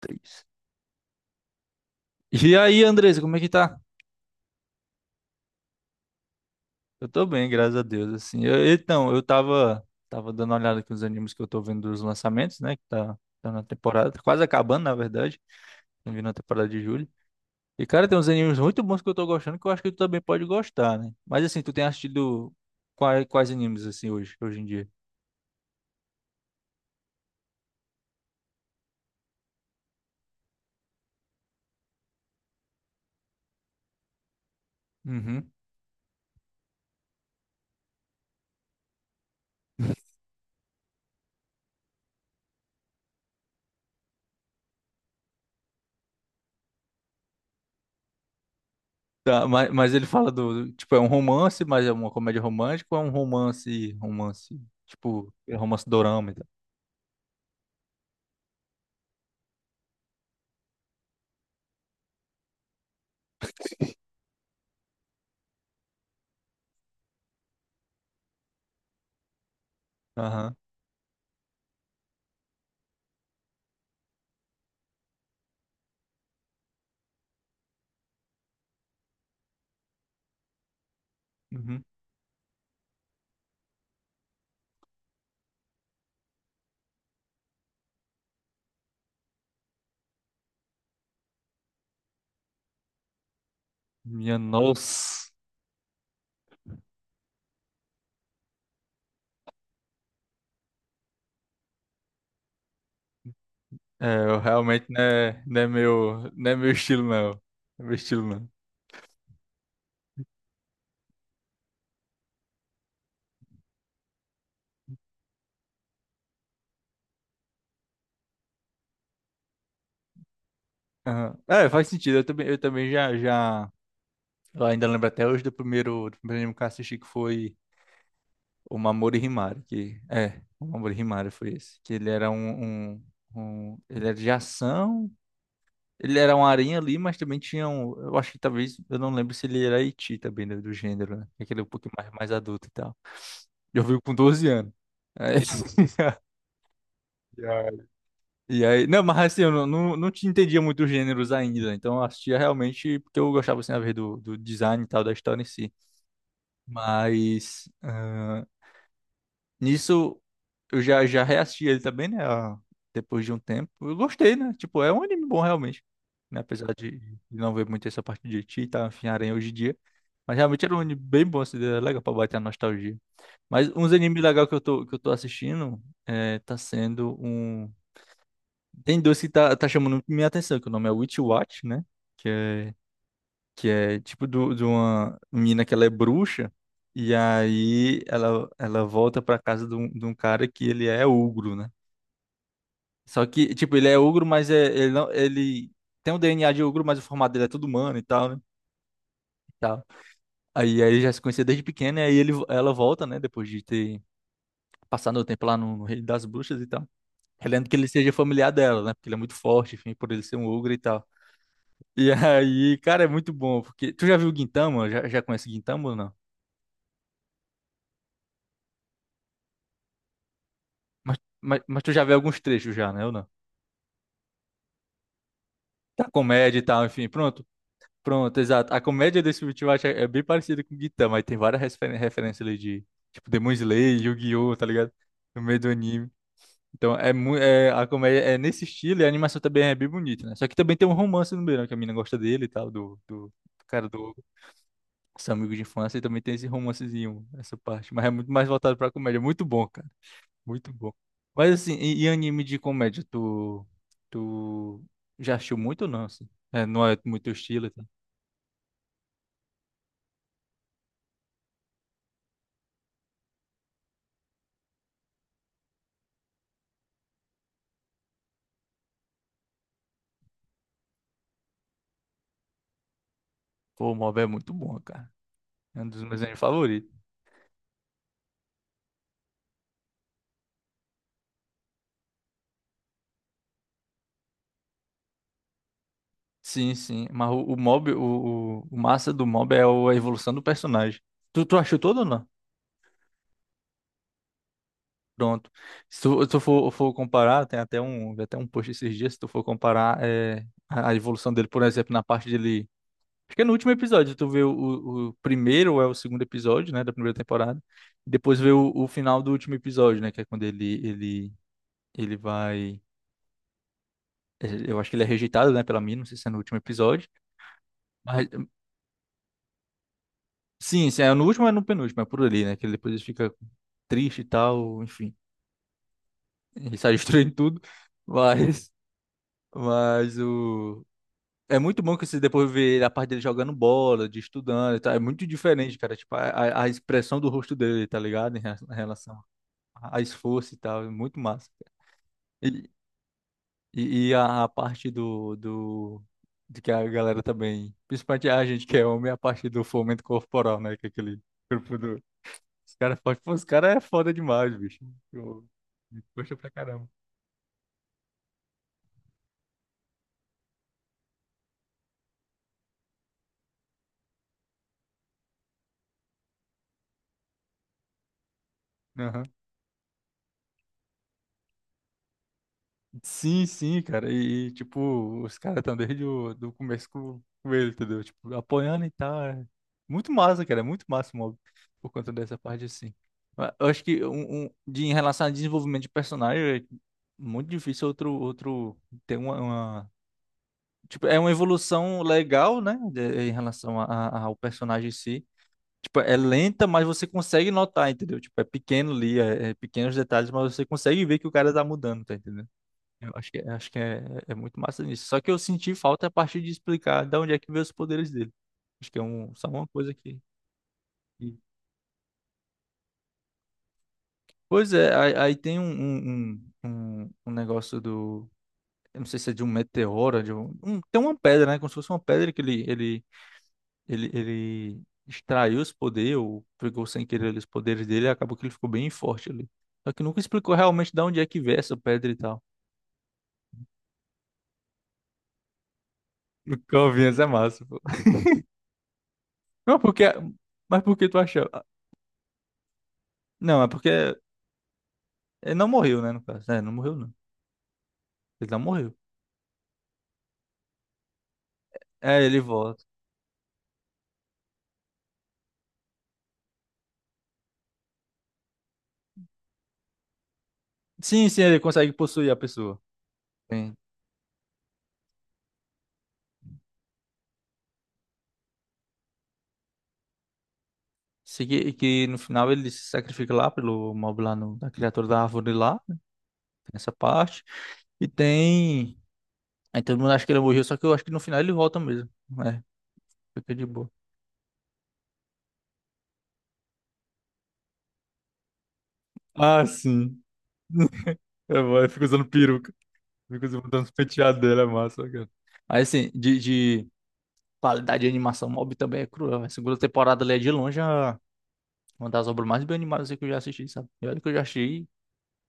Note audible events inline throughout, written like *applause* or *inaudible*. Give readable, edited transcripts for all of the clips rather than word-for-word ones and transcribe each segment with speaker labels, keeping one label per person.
Speaker 1: Três. E aí, Andresa, como é que tá? Eu tô bem, graças a Deus, assim. Então, eu tava, dando uma olhada aqui nos animes que eu tô vendo dos lançamentos, né? Tá na temporada, tá quase acabando, na verdade. Tô vindo na temporada de julho. E, cara, tem uns animes muito bons que eu tô gostando que eu acho que tu também pode gostar, né? Mas, assim, tu tem assistido quais animes, assim, hoje em dia? Uhum. Tá, mas ele fala do, tipo, é um romance, mas é uma comédia romântica ou é um romance, tipo, é romance dorama e tal? Aham. Uhum. Minha nossa. É, eu realmente não é meu, não é meu estilo, não. Não é meu estilo, não. Aham. É, faz sentido. Eu também, eu também, já. Eu ainda lembro até hoje do primeiro anime que eu assisti, que foi O Mamoru Himari, que é, O Mamoru Himari foi esse. Que ele era de ação. Ele era um aranha ali, mas também tinha um. Eu acho que talvez. Eu não lembro se ele era Iti também, né, do gênero, né? Aquele um pouquinho mais, mais adulto e tal. Eu vi com 12 anos. Aí- *laughs* E aí, e aí, não, mas assim, eu não, não, não te entendia muito os gêneros ainda, né, então eu assistia realmente porque eu gostava, assim, a ver do design e tal, da história em si. Mas, nisso, já reassisti ele também, né? Depois de um tempo. Eu gostei, né? Tipo, é um anime bom realmente. Né? Apesar de não ver muito essa parte de ti e tá, enfim, aranha hoje em dia. Mas realmente era um anime bem bom, assim, era legal pra bater a nostalgia. Mas uns animes legais que que eu tô assistindo é, tá sendo um. Tem dois que tá chamando muito minha atenção, que o nome é Witch Watch, né? que é que é tipo de uma menina que ela é bruxa, e aí ela volta pra casa de um cara que ele é ogro, né? Só que, tipo, ele é ogro, mas é, ele, não, ele tem o DNA de ogro, mas o formato dele é todo humano e tal, né? E tal. Aí já se conhecia desde pequeno, e aí ela volta, né? Depois de ter passado o tempo lá no Reino das Bruxas e tal. Querendo que ele seja familiar dela, né? Porque ele é muito forte, enfim, por ele ser um ogro e tal. E aí, cara, é muito bom, porque... Tu já viu o Gintama? Já conhece o Gintama ou não? Mas tu já vê alguns trechos já, né? Ou não? Da comédia e tal, enfim, pronto. Pronto, exato. A comédia desse último acho, é bem parecida com o Gintama, aí tem várias referências ali de, tipo, Demon Slayer, Yu-Gi-Oh!, tá ligado? No meio do anime. Então, é, a comédia é nesse estilo e a animação também é bem bonita, né? Só que também tem um romance no meio, né? Que a mina gosta dele e tal, do cara do seu amigo de infância, e também tem esse romancezinho, essa parte. Mas é muito mais voltado pra comédia. Muito bom, cara. Muito bom. Mas assim, e anime de comédia, tu já assistiu muito ou não, assim? É, não é muito teu estilo, tá? Pô, o Mob é muito bom, cara. É um dos meus animes favoritos. Sim, sim. Mas o massa do Mob é a evolução do personagem. Tu achou todo ou não? Pronto. Se se tu for comparar, tem até um, vi até um post esses dias, se tu for comparar é, a evolução dele, por exemplo, na parte dele. Acho que é no último episódio, tu vê o primeiro ou é o segundo episódio, né, da primeira temporada. Depois vê o final do último episódio, né, que é quando ele vai... é, eu acho que ele é rejeitado, né, pela mina, não sei se é no último episódio. Mas, sim, sim, é no último ou é no penúltimo, é por ali, né, que ele depois ele fica triste e tal, enfim. Ele sai *laughs* destruindo tudo, mas... Mas o... É muito bom que você depois vê a parte dele jogando bola, de estudando e tal. É muito diferente, cara. Tipo, a expressão do rosto dele, tá ligado? Em relação a esforço e tal, é muito massa. E, e a parte de que a galera também, principalmente a gente que é homem, a parte do fomento corporal, né? Que é aquele grupo do. Os caras fortes, pô, os caras é foda demais, bicho. Eu, eu gosto pra caramba. Sim, sim, cara. Tipo, os caras estão desde o do começo com ele, entendeu? Tipo, apoiando e tal. É Muito massa, cara. É muito massa o mob por conta dessa parte assim. Mas eu acho que de, em relação a desenvolvimento de personagem, é muito difícil outro ter uma. Tipo, é uma evolução legal, né? Em relação a, ao personagem em si. Tipo, é lenta, mas você consegue notar, entendeu? Tipo, é pequeno ali, é pequenos detalhes, mas você consegue ver que o cara tá mudando, tá entendendo? Eu acho que, é, é muito massa nisso. Só que eu senti falta a partir de explicar de onde é que veio os poderes dele. Acho que é um, só uma coisa que. que- Pois é, aí tem um negócio do. Eu não sei se é de um meteoro, tem uma pedra, né? Como se fosse uma pedra que ele extraiu os poderes, ou pegou sem querer ali os poderes dele, e acabou que ele ficou bem forte ali. Só que nunca explicou realmente de onde é que veio essa pedra e tal. *laughs* O Calvinhas é massa, pô. Mas porque, mas porque tu acha. Não, é porque. Ele não morreu, né, no caso. É, não morreu, não. Ele não morreu. É, ele volta. Sim, sim, ele consegue possuir a pessoa. Sim. Se que, que no final ele se sacrifica lá pelo mob lá no, da criatura da árvore lá, né, tem essa parte. E tem. Aí todo mundo acha que ele morreu, só que eu acho que no final ele volta mesmo. É, fica de boa. Ah, sim. É bom, ele fica usando peruca. Fica usando botando os penteados dele, é massa, cara. Mas assim, de qualidade de animação, Mob também é cruel. A segunda temporada ali é de longe a uma das obras mais bem animadas que eu já assisti, sabe? E olha que eu já assisti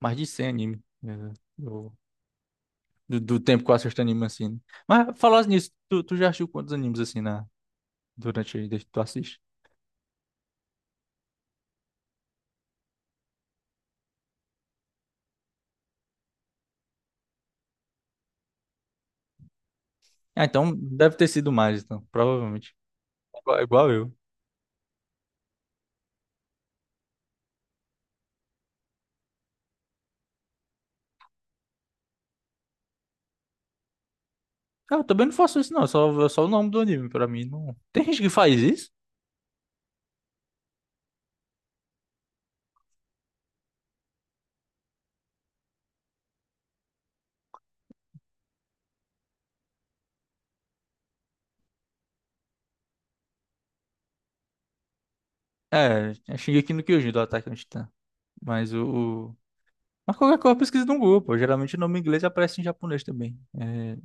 Speaker 1: mais de 100 anime. Né, Do, do tempo que eu assisto anime, assim. Né? Mas, falando nisso, tu já assistiu quantos animes, assim, na, durante aí, desde que tu assiste? Ah, então, deve ter sido mais, então. Provavelmente. Igual, igual eu. Ah, eu também não faço isso, não. É só o nome do anime, pra mim. Não... Tem gente que faz isso? É, é Shingeki no Kyojin, do Attack on Titan. Mas mas qualquer coisa pesquisa no Google, pô. Geralmente o nome em inglês aparece em japonês também. É...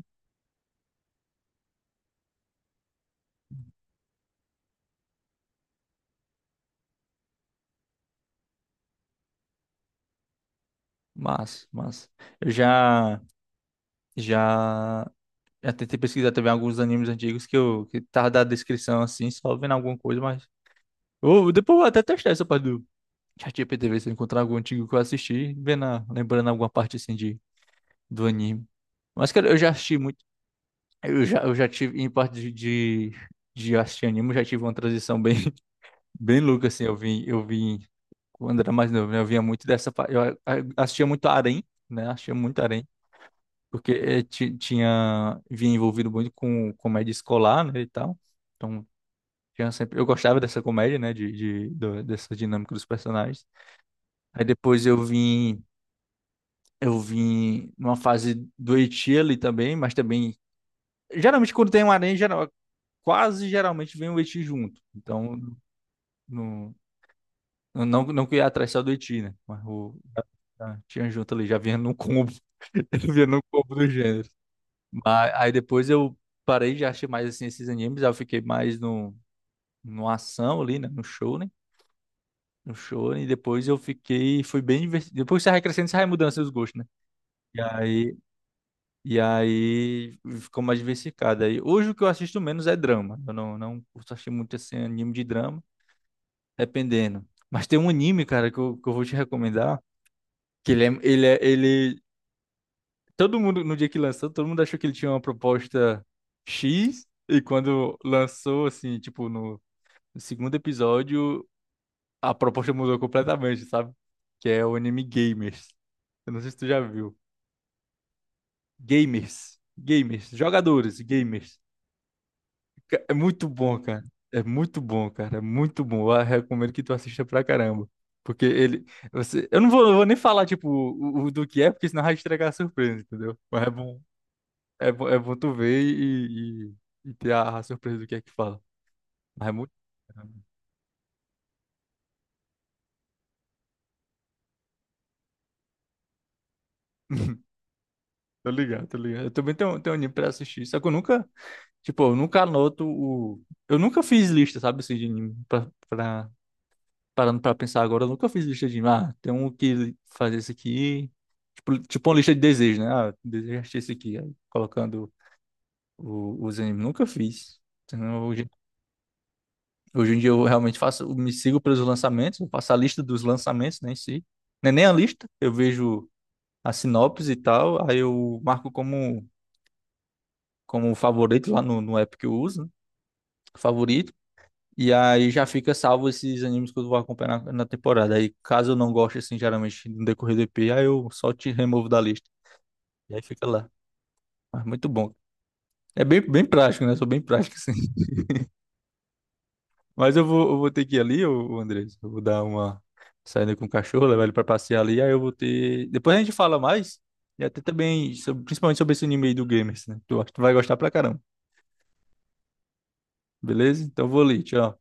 Speaker 1: Mas, mas... eu já. Já, já tentei pesquisar também alguns animes antigos que eu que tava da descrição assim, só vendo alguma coisa, mas. Ou depois eu vou até testar essa parte do ChatGPT, ver se eu encontrar algum antigo que eu assisti, vendo, lembrando alguma parte assim de, do anime. Mas, cara, eu já assisti muito. Eu já tive, em parte de assistir anime, eu já tive uma transição bem, *laughs* bem louca, assim. Eu vim, quando era mais novo, né? Eu vinha muito dessa. Assistia muito Harém, né? Assistia muito Harém. Porque tinha vinha envolvido muito com comédia escolar, né, e tal. Então, tinha sempre eu gostava dessa comédia, né, dessa dinâmica dos personagens. Aí depois eu vim numa fase do Eti ali também, mas também geralmente quando tem um Arém, geral, quase geralmente vem o Eti junto. Então, no, não não que eu ia atrás só do Eti, né, mas o tinha junto ali, já vinha num combo, *laughs* já vinha num combo do gênero. Mas, aí depois eu parei de assistir mais assim esses animes, aí eu fiquei mais no ação ali, né? No shonen, e depois eu fiquei, foi bem divertido. Depois que você vai crescendo, você vai mudando seus gostos, né? E aí, e aí ficou mais diversificado. Aí, hoje o que eu assisto menos é drama. Eu não, não curto assistir muito assim anime de drama, dependendo. Mas tem um anime, cara, que que eu vou te recomendar, que ele todo mundo, no dia que lançou, todo mundo achou que ele tinha uma proposta X, e quando lançou, assim, tipo, no segundo episódio, a proposta mudou completamente, sabe? Que é o anime Gamers. Eu não sei se tu já viu. Gamers. Gamers. Jogadores, gamers. É muito bom, cara. É muito bom, cara. É muito bom. Eu recomendo que tu assista pra caramba. Porque ele. Você, eu vou nem falar, tipo, o do que é, porque senão vai estragar a surpresa, entendeu? Mas é bom. É, é bom tu ver e ter a surpresa do que é que fala. Mas é muito. Tô ligado, tô ligado. Eu também tenho, tenho anime pra assistir. Só que eu nunca, tipo, eu nunca anoto o. Eu nunca fiz lista, sabe, assim, de anime. Parando pra pensar agora, eu nunca fiz lista de anime. Ah, tem um que fazer esse aqui. Tipo, tipo uma lista de desejos, né? Ah, desejo assistir esse aqui. Aí, colocando os animes. Nunca fiz. Então, hoje em dia eu realmente faço, eu me sigo pelos lançamentos, eu faço a lista dos lançamentos, nem sei. Não é nem a lista, eu vejo a sinopse e tal, aí eu marco como, como favorito lá no app que eu uso, né? Favorito. E aí já fica salvo esses animes que eu vou acompanhar na, na temporada. Aí caso eu não goste, assim, geralmente no decorrer do EP, aí eu só te removo da lista. E aí fica lá. Mas muito bom. É bem, bem prático, né? Sou bem prático, *laughs* assim. Mas eu vou ter que ir ali, ô Andrés. Eu vou dar uma saída com o cachorro, levar ele pra passear ali. Aí eu vou ter. Depois a gente fala mais. E até também, principalmente sobre esse anime aí do Gamers, né? Tu, acho que tu vai gostar pra caramba. Beleza? Então eu vou ali. Tchau.